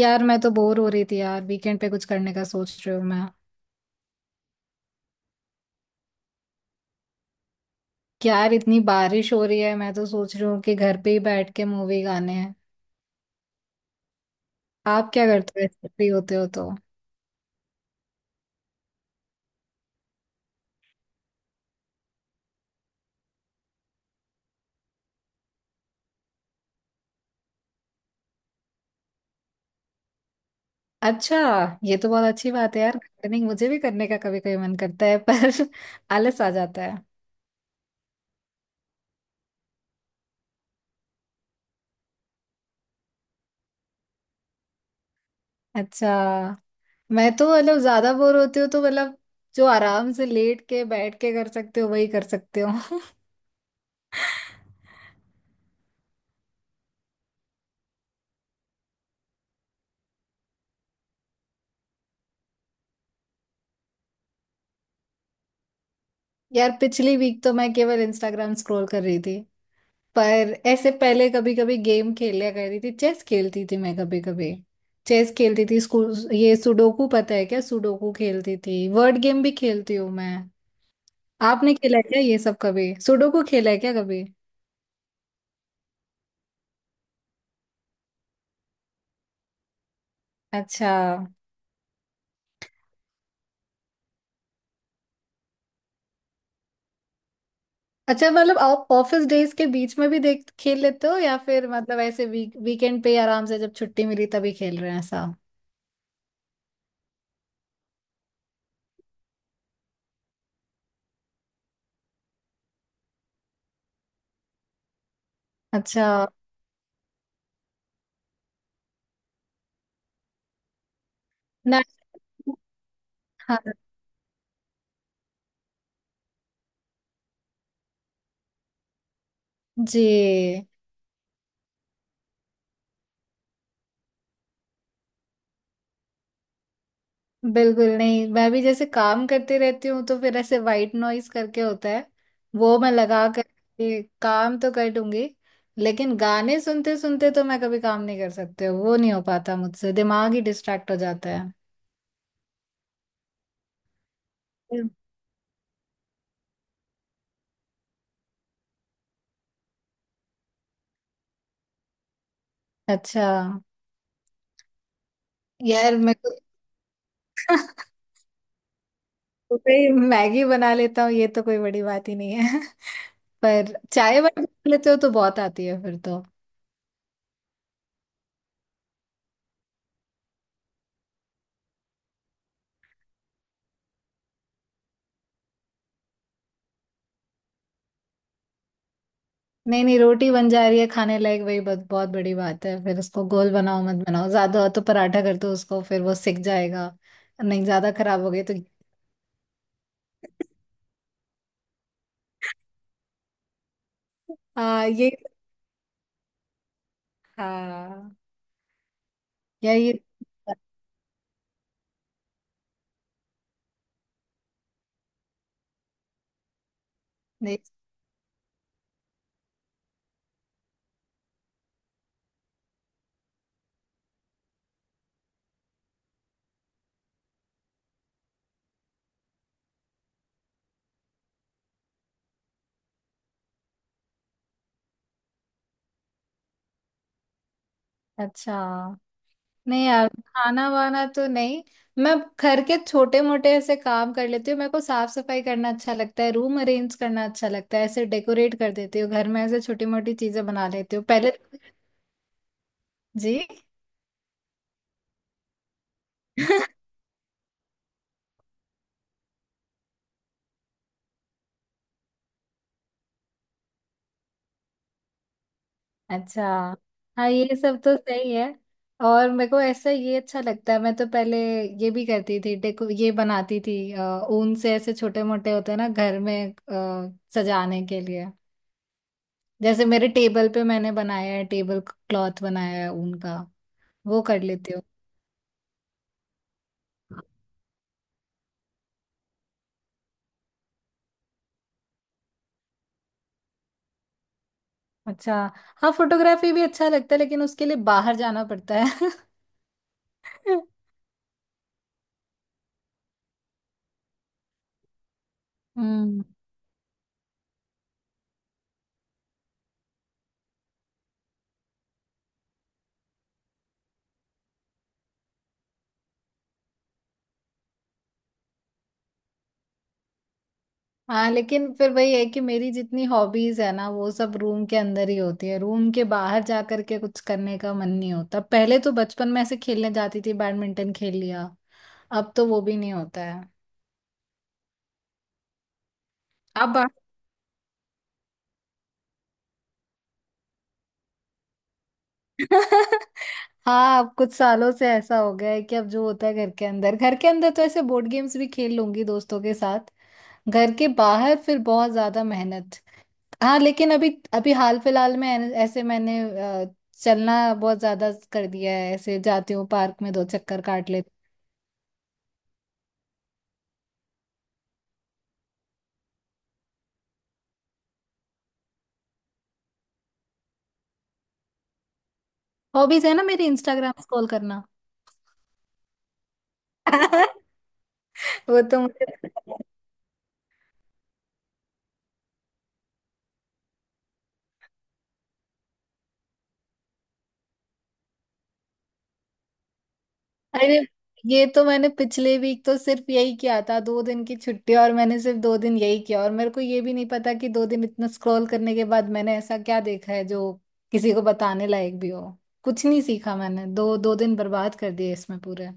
यार मैं तो बोर हो रही थी यार। वीकेंड पे कुछ करने का सोच रही हूँ मैं। यार इतनी बारिश हो रही है, मैं तो सोच रही हूँ कि घर पे ही बैठ के मूवी गाने हैं। आप क्या करते हो ऐसे फ्री होते हो तो? अच्छा, ये तो बहुत अच्छी बात है यार। गार्डनिंग मुझे भी करने का कभी कभी मन करता है पर आलस आ जाता है। अच्छा। मैं तो ज्यादा बोर होती हूँ तो मतलब जो आराम से लेट के बैठ के कर सकते हो वही कर सकते हो। यार पिछली वीक तो मैं केवल इंस्टाग्राम स्क्रॉल कर रही थी। पर ऐसे पहले कभी कभी गेम खेला करती थी, चेस खेलती थी मैं कभी कभी। चेस खेलती थी स्कूल, ये सुडोकू पता है क्या? सुडोकू खेलती थी, वर्ड गेम भी खेलती हूँ मैं। आपने खेला है क्या ये सब कभी? सुडोकू खेला है क्या कभी? अच्छा। अच्छा मतलब आप ऑफिस डेज के बीच में भी देख खेल लेते हो या फिर मतलब ऐसे वीकेंड पे आराम से जब छुट्टी मिली तभी खेल रहे हैं ऐसा? अच्छा। ना। हाँ। जी, बिल्कुल। नहीं, मैं भी जैसे काम करती रहती हूँ तो फिर ऐसे वाइट नॉइस करके होता है, वो मैं लगा कर के काम तो कर दूंगी। लेकिन गाने सुनते सुनते तो मैं कभी काम नहीं कर सकती हूँ, वो नहीं हो पाता मुझसे, दिमाग ही डिस्ट्रैक्ट हो जाता है। हम्म। अच्छा। यार मैं तो सुबह ही मैगी बना लेता हूँ, ये तो कोई बड़ी बात ही नहीं है। पर चाय वाय बना लेते हो तो बहुत आती है फिर तो। नहीं नहीं, रोटी बन जा रही है खाने लायक, वही बहुत बहुत बड़ी बात है। फिर उसको गोल बनाओ मत बनाओ, ज्यादा हो तो पराठा कर दो उसको, फिर वो सिक जाएगा। नहीं, ज्यादा खराब हो गई तो। हाँ, ये। हाँ। या ये। नहीं। अच्छा, नहीं यार खाना वाना तो नहीं। मैं घर के छोटे मोटे ऐसे काम कर लेती हूँ। मेरे को साफ सफाई करना अच्छा लगता है, रूम अरेंज करना अच्छा लगता है, ऐसे डेकोरेट कर देती हूँ घर में, ऐसे छोटी मोटी चीजें बना लेती हूँ पहले। जी। अच्छा। हाँ ये सब तो सही है। और मेरे को ऐसा ये अच्छा लगता है, मैं तो पहले ये भी करती थी, डेको ये बनाती थी ऊन से। ऐसे छोटे मोटे होते हैं ना घर में सजाने के लिए। जैसे मेरे टेबल पे मैंने बनाया है, टेबल क्लॉथ बनाया है ऊन का, वो कर लेती हूँ। अच्छा। हाँ फोटोग्राफी भी अच्छा लगता है, लेकिन उसके लिए बाहर जाना पड़ता है। हम्म। हाँ लेकिन फिर वही है कि मेरी जितनी हॉबीज है ना, वो सब रूम के अंदर ही होती है, रूम के बाहर जा करके कुछ करने का मन नहीं होता। पहले तो बचपन में ऐसे खेलने जाती थी, बैडमिंटन खेल लिया, अब तो वो भी नहीं होता है। अब हाँ, अब कुछ सालों से ऐसा हो गया है कि अब जो होता है घर के अंदर। घर के अंदर तो ऐसे बोर्ड गेम्स भी खेल लूंगी दोस्तों के साथ, घर के बाहर फिर बहुत ज्यादा मेहनत। हाँ लेकिन अभी अभी हाल फिलहाल में ऐसे मैंने अ, चलना बहुत ज्यादा कर दिया है, ऐसे जाती हूँ पार्क में दो चक्कर काट लेती। हॉबीज है ना मेरी, इंस्टाग्राम स्क्रॉल करना। वो तो मुझे। अरे, ये तो मैंने पिछले वीक तो सिर्फ यही किया था। दो दिन की छुट्टी, और मैंने सिर्फ दो दिन यही किया, और मेरे को ये भी नहीं पता कि दो दिन इतना स्क्रॉल करने के बाद मैंने ऐसा क्या देखा है जो किसी को बताने लायक भी हो। कुछ नहीं सीखा मैंने, दो दो दिन बर्बाद कर दिए इसमें पूरे।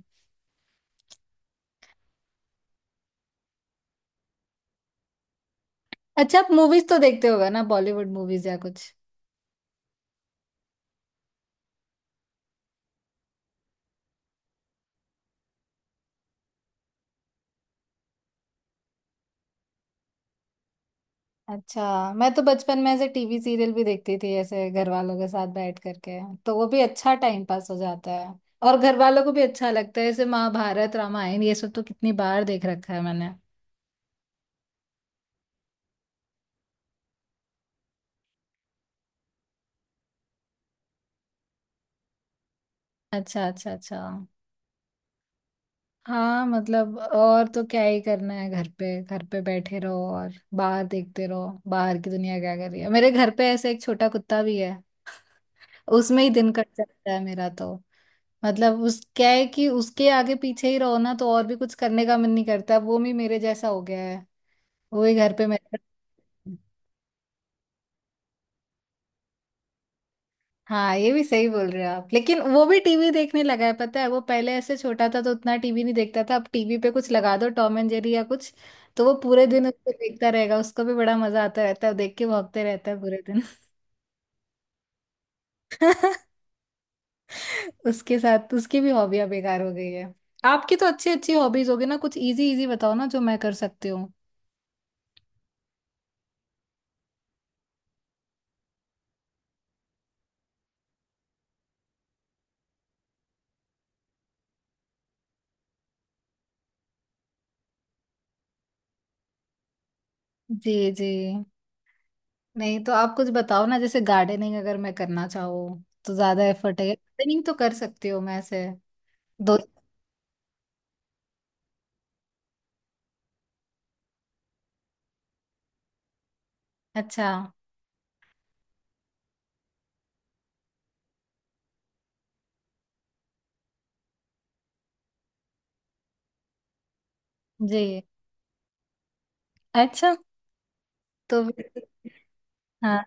अच्छा, आप मूवीज तो देखते होगा ना, बॉलीवुड मूवीज या कुछ? अच्छा, मैं तो बचपन में ऐसे टीवी सीरियल भी देखती थी, ऐसे घर वालों के साथ बैठ करके, तो वो भी अच्छा टाइम पास हो जाता है, और घर वालों को भी अच्छा लगता है। जैसे महाभारत, रामायण, ये सब तो कितनी बार देख रखा है मैंने। अच्छा अच्छा अच्छा। हाँ मतलब और तो क्या ही करना है घर पे बैठे रहो और बाहर देखते रहो बाहर की दुनिया क्या कर रही है। मेरे घर पे ऐसे एक छोटा कुत्ता भी है, उसमें ही दिन कट जाता है मेरा तो। मतलब उस क्या है कि उसके आगे पीछे ही रहो, ना तो और भी कुछ करने का मन नहीं करता, वो भी मेरे जैसा हो गया है। वो ही घर पे मेरे। हाँ ये भी सही बोल रहे हो आप, लेकिन वो भी टीवी देखने लगा है पता है। वो पहले ऐसे छोटा था तो उतना टीवी नहीं देखता था, अब टीवी पे कुछ लगा दो टॉम एंड जेरी या कुछ, तो वो पूरे दिन उसको देखता रहेगा, उसको भी बड़ा मजा आता रहता है, देख के भौंकते रहता है पूरे दिन। उसके साथ उसकी भी हॉबियां बेकार हो गई है। आपकी तो अच्छी अच्छी हॉबीज होगी ना, कुछ इजी इजी बताओ ना जो मैं कर सकती हूँ। जी। जी। नहीं तो आप कुछ बताओ ना, जैसे गार्डनिंग। अगर मैं करना चाहूँ तो ज्यादा एफर्ट है? गार्डनिंग तो कर सकती हूँ मैं ऐसे। दो। अच्छा। जी। अच्छा। तो फिर-। हाँ।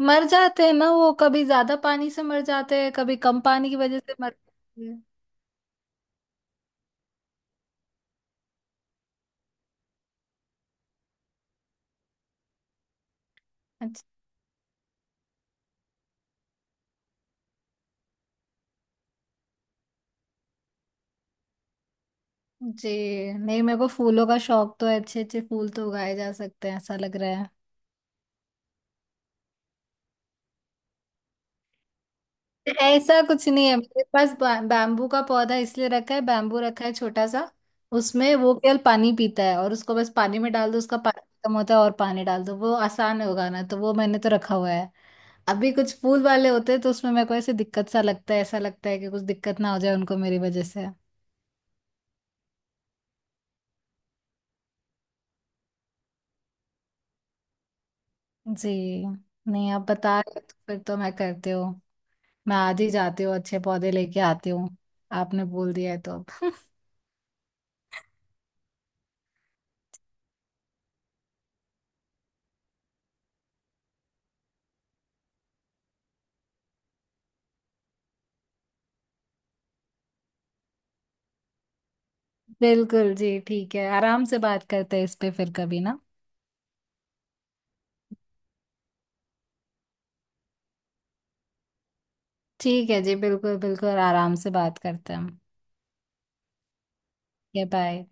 मर जाते हैं ना वो, कभी ज्यादा पानी से मर जाते हैं, कभी कम पानी की वजह से मर जाते हैं। अच्छा। जी। नहीं मेरे को फूलों का शौक तो है, अच्छे अच्छे फूल तो उगाए जा सकते हैं ऐसा लग रहा। ऐसा कुछ नहीं है मेरे पास, बैम्बू का पौधा इसलिए रखा है, बैम्बू रखा है छोटा सा। उसमें वो केवल पानी पीता है, और उसको बस पानी में डाल दो, उसका पानी खत्म होता है और पानी डाल दो, वो आसान है उगाना, तो वो मैंने तो रखा हुआ है। अभी कुछ फूल वाले होते हैं तो उसमें मेरे को ऐसे दिक्कत सा लगता है, ऐसा लगता है कि कुछ दिक्कत ना हो जाए उनको मेरी वजह से। जी। नहीं आप बता रहे हो तो फिर तो मैं करते हूँ, मैं आज ही जाती हूँ, अच्छे पौधे लेके आती हूँ, आपने बोल दिया है तो। बिल्कुल जी ठीक है, आराम से बात करते हैं इस पे फिर कभी ना। ठीक है जी, बिल्कुल बिल्कुल, आराम से बात करते हैं हम। बाय।